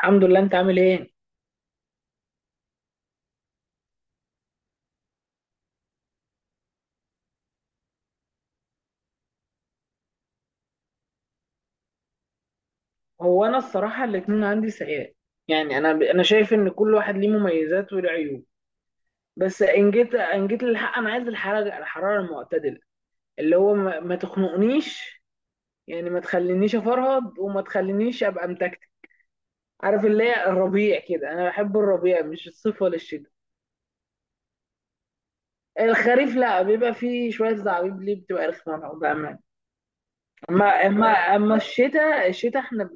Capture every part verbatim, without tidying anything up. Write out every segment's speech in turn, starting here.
الحمد لله، انت عامل ايه؟ هو انا الصراحه الاتنين عندي سيئات. يعني انا انا شايف ان كل واحد ليه مميزات وله عيوب. بس ان جيت ان جيت للحق، انا عايز الحراره، الحراره المعتدله، اللي هو ما, ما تخنقنيش. يعني ما تخلينيش افرهد وما تخلينيش ابقى متكتك. عارف اللي هي الربيع كده، انا بحب الربيع، مش الصيف ولا الشتاء. الخريف لا، بيبقى فيه شويه زعابيب، ليه بتبقى رخمه بقى. اما اما اما الشتاء، الشتاء احنا ب...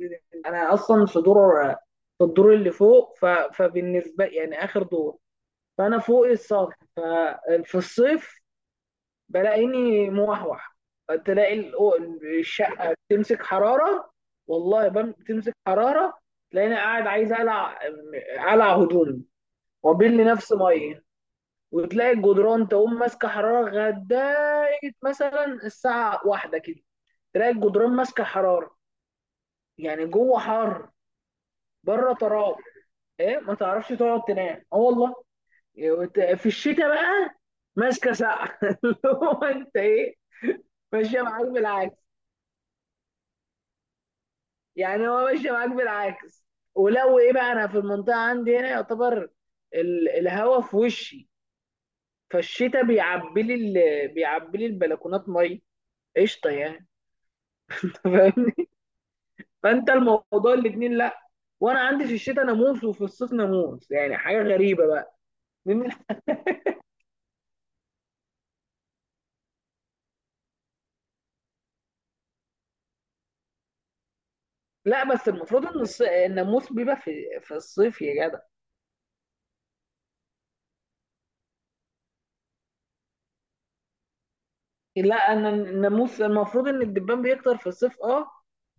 انا اصلا في دور، في الدور اللي فوق، ف... فبالنسبه يعني اخر دور. فانا فوق السطح، ففي الصيف بلاقيني موحوح. تلاقي ال- الشقه بتمسك حراره. والله بم- بتمسك حراره. تلاقيني قاعد عايز اقلع، اقلع هدومي، وابل لي نفسي ميه. وتلاقي الجدران تقوم ماسكه حراره لغايه مثلا الساعه واحدة كده، تلاقي الجدران ماسكه حراره، يعني جوه حر، بره تراب. ايه، ما تعرفش تقعد تنام، اه والله. إيه، وت- في الشتاء بقى ماسكه سقع. اللي هو انت ايه؟ ماشيه معاك بالعكس. يعني هو ماشيه معاك بالعكس. ولو ايه بقى، انا في المنطقه عندي هنا يعتبر ال- الهوا في وشي. فالشتاء بيعبي لي ال- بيعبي لي البلكونات ميه، قشطه يعني. فاهمني؟ فانت الموضوع الاتنين لا. وانا عندي في الشتاء ناموس وفي الصيف ناموس، يعني حاجه غريبه بقى. لا بس المفروض ان الص- الناموس بيبقى في في الصيف يا جدع. لا، انا الناموس المفروض ان الدبان بيكتر في الصيف، اه.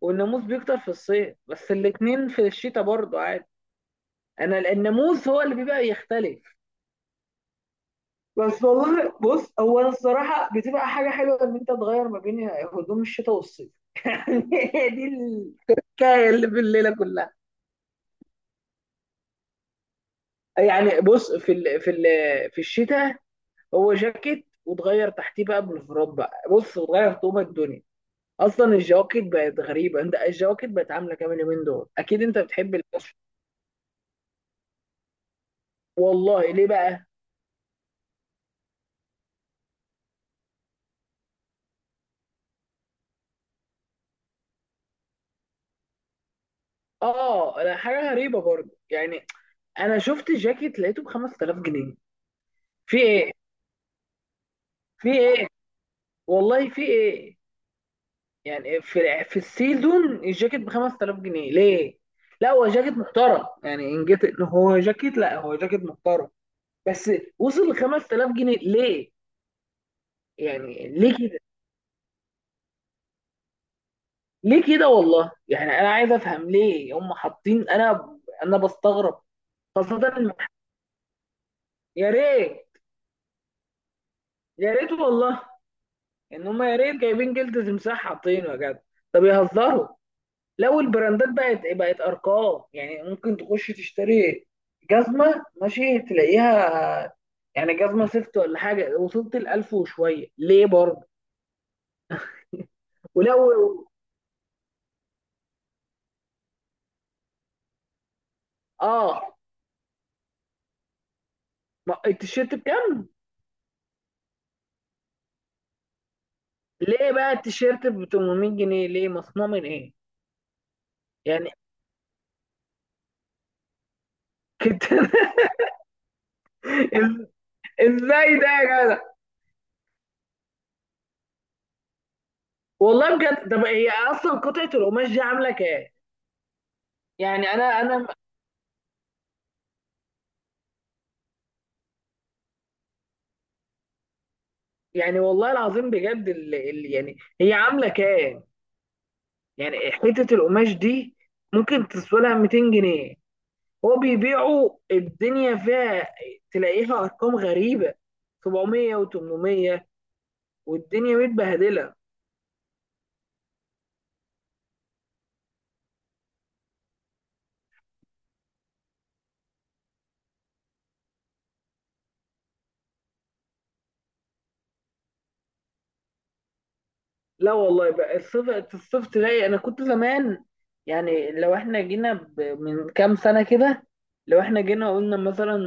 والناموس بيكتر في الصيف، بس الاتنين في الشتاء برضه عادي. انا ال- الناموس هو اللي بيبقى يختلف. بس والله بص، هو أنا الصراحة بتبقى حاجة حلوة إن أنت تغير ما بين هدوم الشتاء والصيف. هي دي الحكاية اللي في الليلة كلها. يعني بص، في ال في ال في الشتاء هو جاكيت، وتغير تحتيه بقى بلوفرات بقى، بص، وتغير طوبة الدنيا. اصلا الجواكت بقت غريبه، انت الجواكت بقت عامله كام اليومين دول؟ اكيد انت بتحب الكشف. والله ليه بقى؟ اه لا، حاجه غريبه برضه يعني. انا شفت جاكيت لقيته ب خمست الاف جنيه. في ايه؟ في ايه؟ والله في ايه؟ يعني في في السيزون الجاكيت ب خمست الاف جنيه ليه؟ لا هو جاكيت محترم، يعني ان جيت إن هو جاكيت، لا هو جاكيت محترم بس. وصل ل خمست الاف جنيه ليه؟ يعني ليه؟ ليه كده والله، يعني انا عايز افهم ليه هم حاطين، انا انا بستغرب. خاصه المح- يا ريت، يا ريت والله ان هم يا ريت جايبين جلد تمساح حاطينه يا جدع، طب يهزروا. لو البراندات بقت بقت ارقام، يعني ممكن تخش تشتري جزمه ماشي تلاقيها. يعني جزمه سيفت ولا حاجه وصلت ال ألف وشويه ليه برضه؟ ولو. اه، ما- التيشيرت بكام؟ ليه بقى التيشيرت ب تمنميه جنيه، ليه؟ مصنوع من ايه؟ يعني كنت. إز- ازاي ده يا جدع؟ والله بجد، طب هي اصلا قطعه القماش دي عامله كام؟ يعني انا انا يعني والله العظيم بجد، اللي اللي يعني هي عامله كام؟ يعني حته القماش دي ممكن تسوى لها ميتين جنيه. هو بيبيعوا الدنيا فيها، تلاقيها ارقام غريبه، سبعميه و800، والدنيا متبهدله. لا والله بقى، الصيف، الصيف تلاقي، انا كنت زمان. يعني لو احنا جينا ب... من كام سنه كده، لو احنا جينا قلنا مثلا،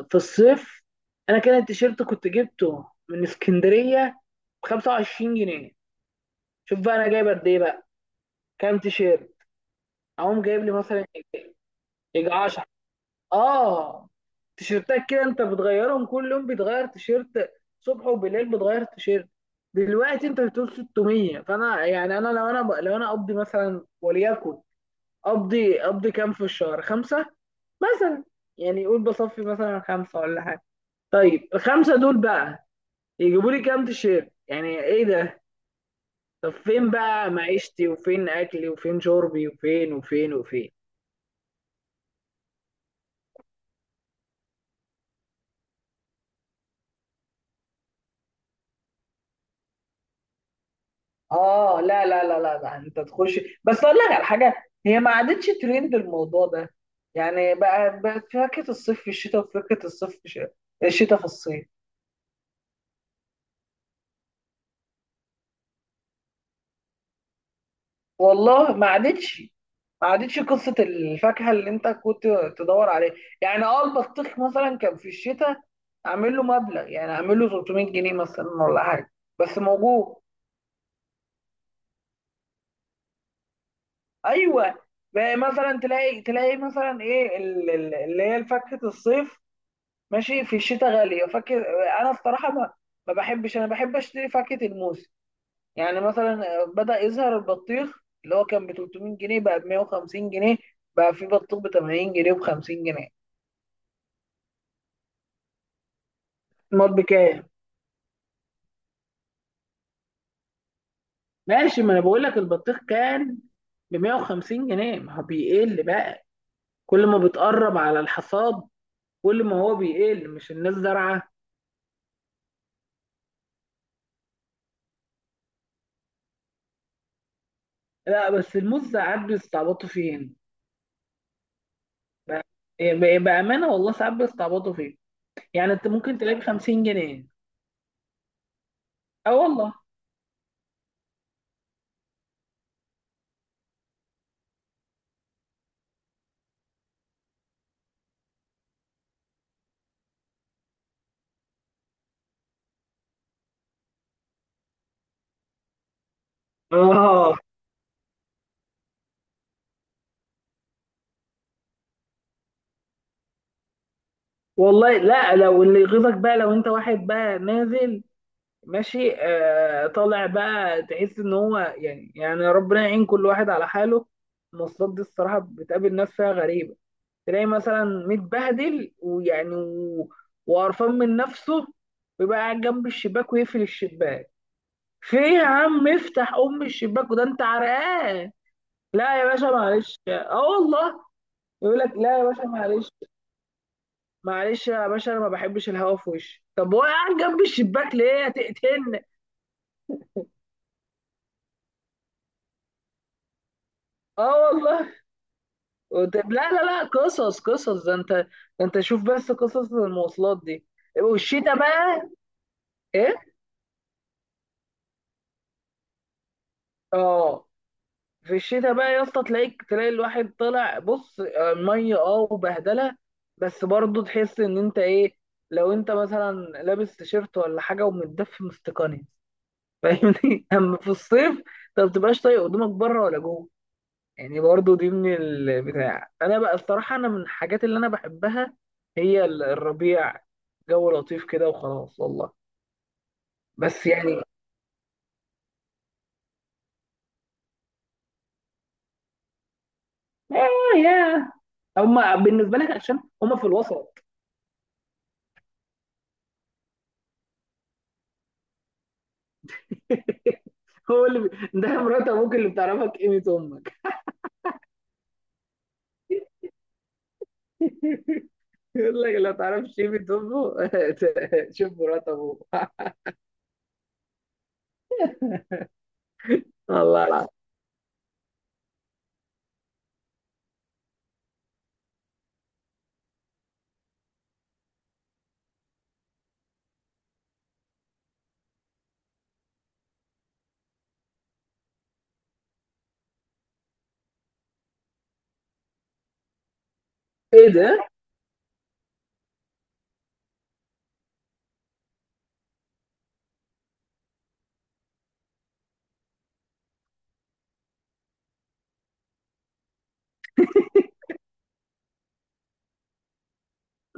آه، في الصيف، انا كان التيشيرت كنت جبته من اسكندريه ب خمسه وعشرين جنيه. شوف بقى انا جايب قد ايه بقى، كام تيشيرت، اقوم جايب لي مثلا، يجي عشره اه تيشيرتات كده. انت بتغيرهم كل يوم، بيتغير تيشيرت صبح وبالليل، بتغير تيشيرت. دلوقتي انت بتقول ستميه، فانا يعني انا لو انا ب... لو انا اقضي مثلا وليكن، اقضي اقضي كام في الشهر، خمسة مثلا. يعني قول بصفي مثلا خمسة ولا حاجة. طيب الخمسة دول بقى يجيبوا لي كام تيشيرت، يعني ايه ده؟ طب فين بقى معيشتي وفين اكلي وفين شربي وفين وفين وفين؟ اه لا لا لا لا لا، انت تخش بس اقول لك على حاجه، هي ما عادتش ترند الموضوع ده. يعني بقى بقت فاكهه الصيف في الشتاء، وفاكهه الصيف في الش- الشتاء في الصيف. والله ما عادتش. ما عادتش قصه الفاكهه اللي انت كنت تدور عليها. يعني اه، البطيخ مثلا كان في الشتاء اعمل له مبلغ، يعني اعمل له ثلاثمائة جنيه مثلا ولا حاجه، بس موجود. ايوه، بقى مثلا تلاقي، تلاقي مثلا ايه ال- ال- اللي هي فاكهه الصيف ماشي في الشتاء غالية، فاكر؟ أنا بصراحة ما, ما بحبش، أنا بحب أشتري فاكهة الموز يعني مثلا. بدأ يظهر البطيخ اللي هو كان ب تلتميه جنيه، بقى ب ميه وخمسين جنيه، بقى في بطيخ ب تمانين جنيه وب خمسين جنيه. المال بكام؟ ماشي، ما انا بقول لك البطيخ كان ب مئة وخمسين جنيه، ما هو بيقل بقى كل ما بتقرب على الحصاد، كل ما هو بيقل، مش الناس زارعه. لا بس الموز ساعات بيستعبطوا فين. بقى- بقى- بامانه والله ساعات بيستعبطوا فين. يعني انت ممكن تلاقي ب خمسين جنيه، اه والله. اه والله لا، لو اللي يغيظك بقى، لو انت واحد بقى نازل ماشي، آه، طالع بقى، تحس ان هو يعني، يعني ربنا يعين كل واحد على حاله. المواصلات دي الصراحة بتقابل ناس فيها غريبة. تلاقي مثلا متبهدل ويعني و- وقرفان من نفسه، ويبقى قاعد جنب الشباك ويقفل الشباك. في إيه يا عم؟ افتح ام الشباك، وده انت عرقان. لا يا باشا معلش، اه والله. يقول لك لا يا باشا معلش. معلش يا باشا، انا ما بحبش الهوا في وشي، طب هو قاعد جنب الشباك ليه؟ هتقتلني؟ اه والله. طب لا لا لا، قصص، قصص ده انت ده، انت شوف بس قصص المواصلات دي. والشتاء بقى، ايه؟ اه، في الشتاء بقى يا اسطى، تلاقيك، تلاقي الواحد طالع بص آه، ميه اه وبهدله. بس برضه تحس ان انت ايه، لو انت مثلا لابس تيشيرت ولا حاجه، ومتدفي مستقني، فاهمني؟ اما في الصيف انت ما بتبقاش طايق هدومك بره ولا جوه. يعني برضو دي من البتاع، انا بقى الصراحه انا من الحاجات اللي انا بحبها هي ال- الربيع. جو لطيف كده وخلاص والله. بس يعني، اه يا، هما بالنسبه لك عشان هما في الوسط. هو اللي بي- ده مرات ابوك اللي بتعرفك قيمه امك. يقول لك لو تعرفش قيمه امه. شوف مرات ابوك. والله العظيم. ايه ده؟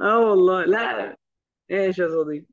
اه والله لا. ايش يا صديقي؟